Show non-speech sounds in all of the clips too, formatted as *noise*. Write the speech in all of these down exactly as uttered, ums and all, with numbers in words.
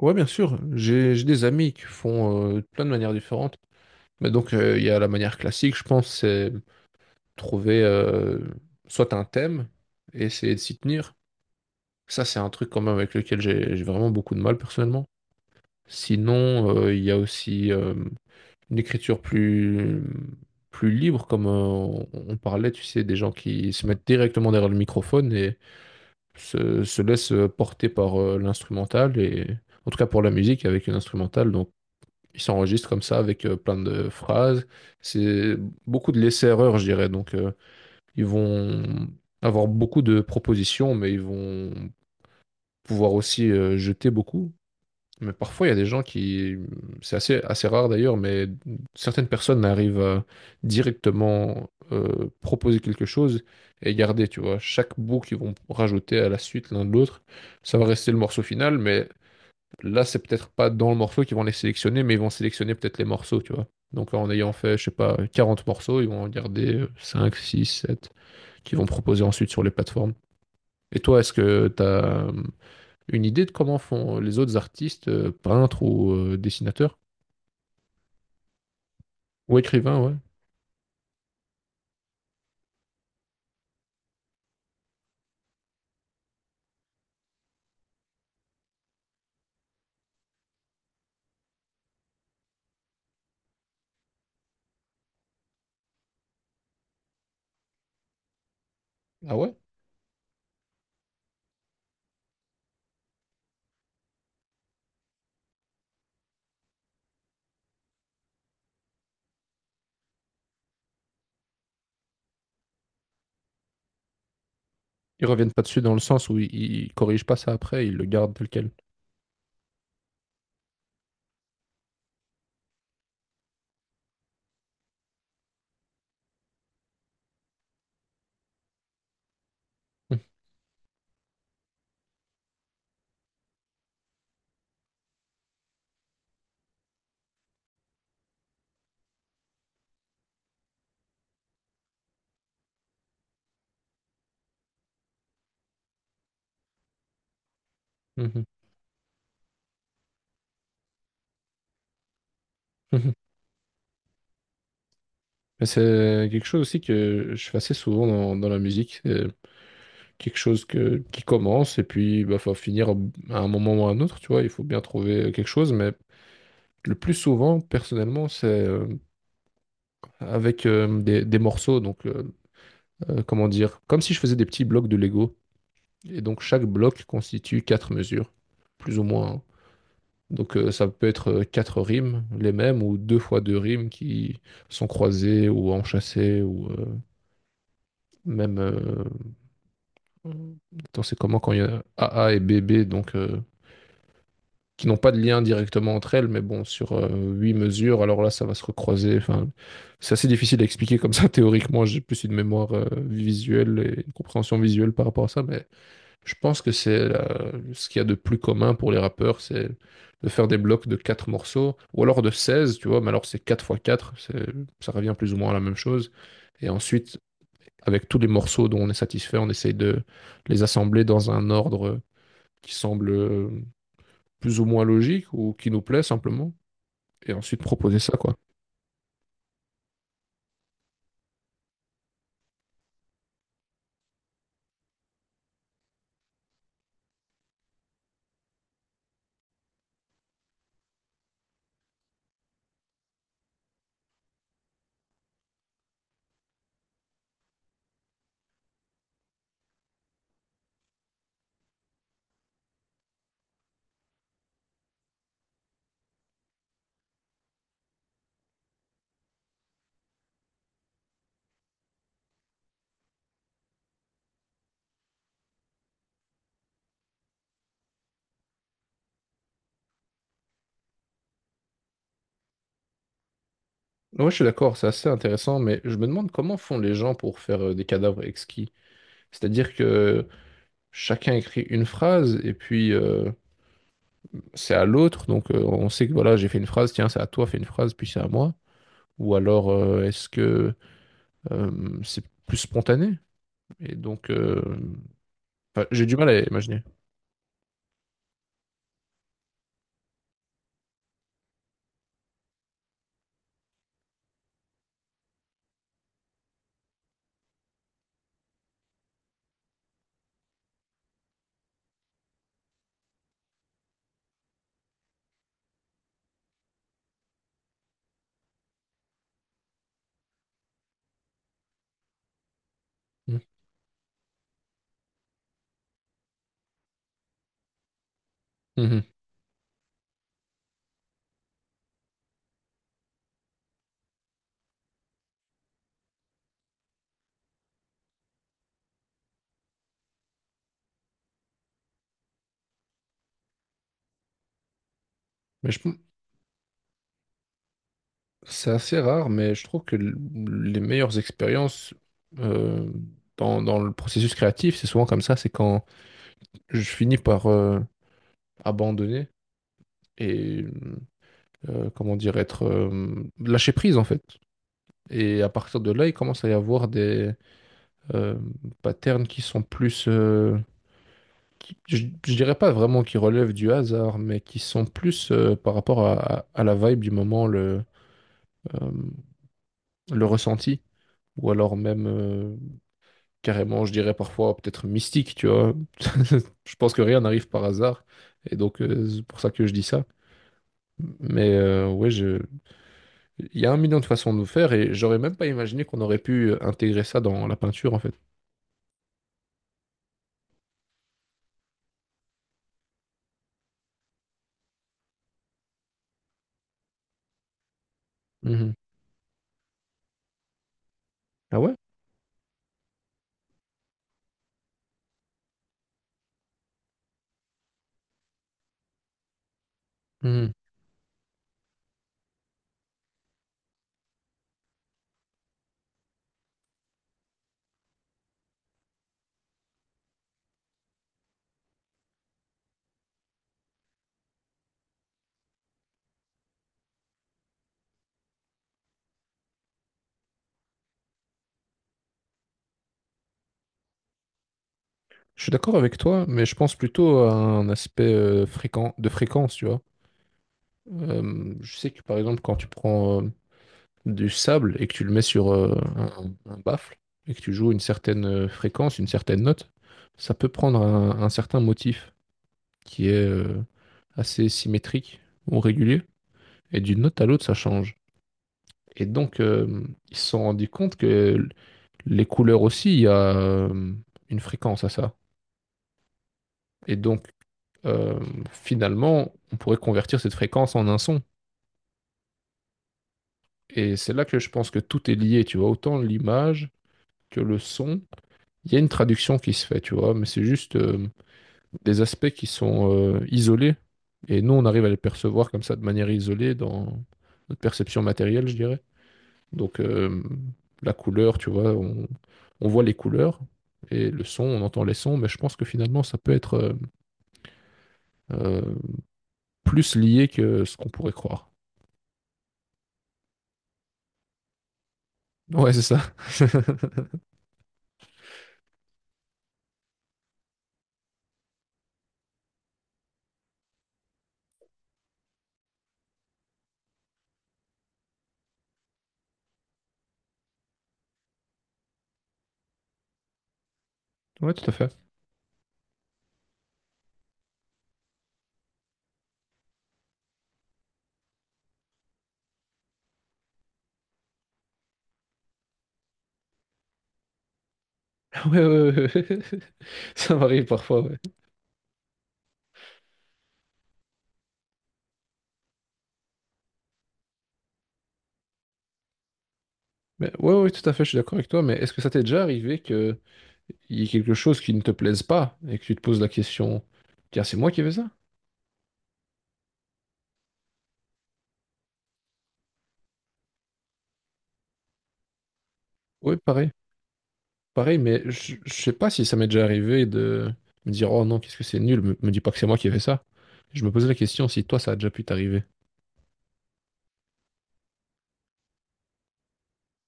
Ouais, bien sûr. J'ai j'ai des amis qui font euh, plein de manières différentes. Mais donc, euh, il y a la manière classique, je pense, c'est trouver euh, soit un thème et essayer de s'y tenir. Ça, c'est un truc quand même avec lequel j'ai j'ai vraiment beaucoup de mal personnellement. Sinon, euh, il y a aussi euh, une écriture plus, plus libre, comme euh, on on parlait, tu sais, des gens qui se mettent directement derrière le microphone et se, se laissent porter par euh, l'instrumental et en tout cas pour la musique avec une instrumentale. Donc, ils s'enregistrent comme ça avec euh, plein de phrases. C'est beaucoup de laisser-erreur, je dirais. Donc, euh, ils vont avoir beaucoup de propositions, mais ils vont pouvoir aussi euh, jeter beaucoup. Mais parfois, il y a des gens qui, c'est assez, assez rare d'ailleurs, mais certaines personnes arrivent à directement euh, proposer quelque chose et garder, tu vois, chaque bout qu'ils vont rajouter à la suite l'un de l'autre. Ça va rester le morceau final, mais là, c'est peut-être pas dans le morceau qu'ils vont les sélectionner, mais ils vont sélectionner peut-être les morceaux, tu vois. Donc en ayant fait, je sais pas, quarante morceaux, ils vont en garder euh, cinq, six, sept, qu'ils vont proposer ensuite sur les plateformes. Et toi, est-ce que tu as une idée de comment font les autres artistes, euh, peintres ou euh, dessinateurs. Ou écrivains, ouais. Ah ouais? Ils reviennent pas dessus dans le sens où ils, ils corrigent pas ça après, ils le gardent tel quel. Mhm, mhm, mhm. Mais c'est quelque chose aussi que je fais assez souvent dans, dans la musique. Euh, quelque chose que, qui commence et puis il faut finir à un moment ou à un autre, tu vois, il faut bien trouver quelque chose, mais le plus souvent, personnellement, c'est euh, avec euh, des, des morceaux, donc euh, euh, comment dire, comme si je faisais des petits blocs de Lego, et donc chaque bloc constitue quatre mesures, plus ou moins, hein. Donc euh, ça peut être euh, quatre rimes, les mêmes, ou deux fois deux rimes qui sont croisées ou enchâssées, ou euh, même... euh, attends, c'est comment quand il y a a a et b b donc... euh, qui n'ont pas de lien directement entre elles, mais bon, sur euh, huit mesures, alors là, ça va se recroiser. Enfin, c'est assez difficile à expliquer comme ça *laughs* théoriquement. J'ai plus une mémoire euh, visuelle et une compréhension visuelle par rapport à ça, mais je pense que c'est la- ce qu'il y a de plus commun pour les rappeurs, c'est de faire des blocs de quatre morceaux, ou alors de seize, tu vois, mais alors c'est quatre fois quatre, c'est- ça revient plus ou moins à la même chose. Et ensuite, avec tous les morceaux dont on est satisfait, on essaye de les assembler dans un ordre qui semble euh, plus ou moins logique ou qui nous plaît simplement, et ensuite proposer ça, quoi. Ouais, je suis d'accord, c'est assez intéressant, mais je me demande comment font les gens pour faire euh, des cadavres exquis. C'est-à-dire que chacun écrit une phrase et puis euh, c'est à l'autre, donc euh, on sait que voilà, j'ai fait une phrase, tiens, c'est à toi, fais une phrase, puis c'est à moi. Ou alors euh, est-ce que euh, c'est plus spontané? Et donc, euh, enfin, j'ai du mal à imaginer. Mhm. Mhm. Mais je, c'est assez rare, mais je trouve que l- les meilleures expériences euh, dans, dans le processus créatif, c'est souvent comme ça, c'est quand je finis par euh, abandonner et, euh, comment dire, être euh, lâcher prise en fait. Et à partir de là, il commence à y avoir des euh, patterns qui sont plus, euh, qui- je, je dirais pas vraiment qui relèvent du hasard, mais qui sont plus euh, par rapport à, à- à la vibe du moment, le, euh, le ressenti, ou alors même. euh, carrément, je dirais parfois peut-être mystique, tu vois. *laughs* Je pense que rien n'arrive par hasard. Et donc, euh, c'est pour ça que je dis ça. Mais euh, ouais, je... il y a un million de façons de le faire et j'aurais même pas imaginé qu'on aurait pu euh, intégrer ça dans la peinture, en fait. Mhm. Ah ouais? Mhm. Je suis d'accord avec toi, mais je pense plutôt à un aspect euh, fréquent, de fréquence, tu vois. Euh, je sais que par exemple, quand tu prends euh, du sable et que tu le mets sur euh, un, un baffle et que tu joues une certaine euh, fréquence, une certaine note, ça peut prendre un, un certain motif qui est euh, assez symétrique ou régulier. Et d'une note à l'autre, ça change. Et donc, euh, ils se sont rendus compte que les couleurs aussi, il y a euh, une fréquence à ça. Et donc, euh, finalement, on pourrait convertir cette fréquence en un son. Et c'est là que je pense que tout est lié, tu vois, autant l'image que le son. Il y a une traduction qui se fait, tu vois, mais c'est juste euh, des aspects qui sont euh, isolés. Et nous, on arrive à les percevoir comme ça de manière isolée dans notre perception matérielle, je dirais. Donc, euh, la couleur, tu vois, on, on voit les couleurs et le son, on entend les sons, mais je pense que finalement, ça peut être euh, euh, plus lié que ce qu'on pourrait croire. Ouais, c'est ça. *laughs* Ouais, tout à fait. *laughs* Ouais, ouais, ouais, ouais. *laughs* Ça m'arrive parfois, ouais. Mais ouais, ouais, tout à fait, je suis d'accord avec toi, mais est-ce que ça t'est déjà arrivé que il y a quelque chose qui ne te plaise pas et que tu te poses la question, tiens, c'est moi qui ai fait ça? Oui, pareil, pareil, mais je, je sais pas si ça m'est déjà arrivé de me dire, oh non, qu'est-ce que c'est nul, me, me dis pas que c'est moi qui ai fait ça. Je me posais la question si toi, ça a déjà pu t'arriver.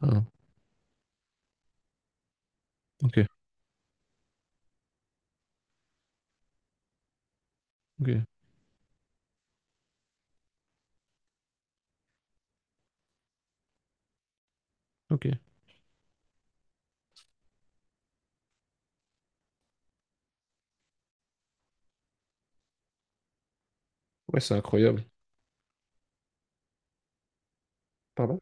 Ah, ok, ok, ok. Ouais, c'est incroyable. Pardon?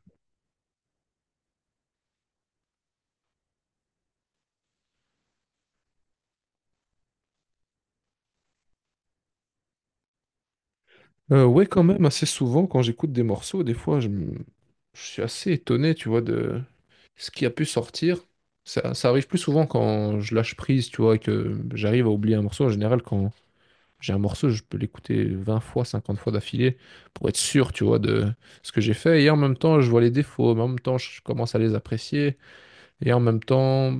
Euh, ouais, quand même, assez souvent, quand j'écoute des morceaux, des fois, je, me- je suis assez étonné, tu vois, de ce qui a pu sortir. Ça, ça arrive plus souvent quand je lâche prise, tu vois, et que j'arrive à oublier un morceau. En général, quand j'ai un morceau, je peux l'écouter vingt fois, cinquante fois d'affilée pour être sûr, tu vois, de ce que j'ai fait. Et en même temps, je vois les défauts, mais en même temps, je commence à les apprécier. Et en même temps,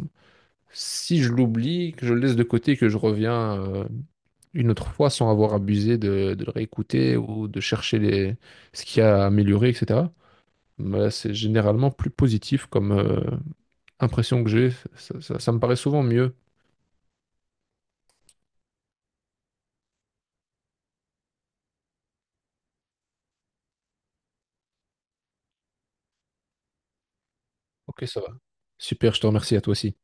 si je l'oublie, que je le laisse de côté, que je reviens euh, une autre fois sans avoir abusé de, de le réécouter ou de chercher les, ce qu'il y a à améliorer, et cetera Bah, c'est généralement plus positif comme euh, impression que j'ai. Ça, ça ça me paraît souvent mieux. Ok, ça va. Super, je te remercie à toi aussi.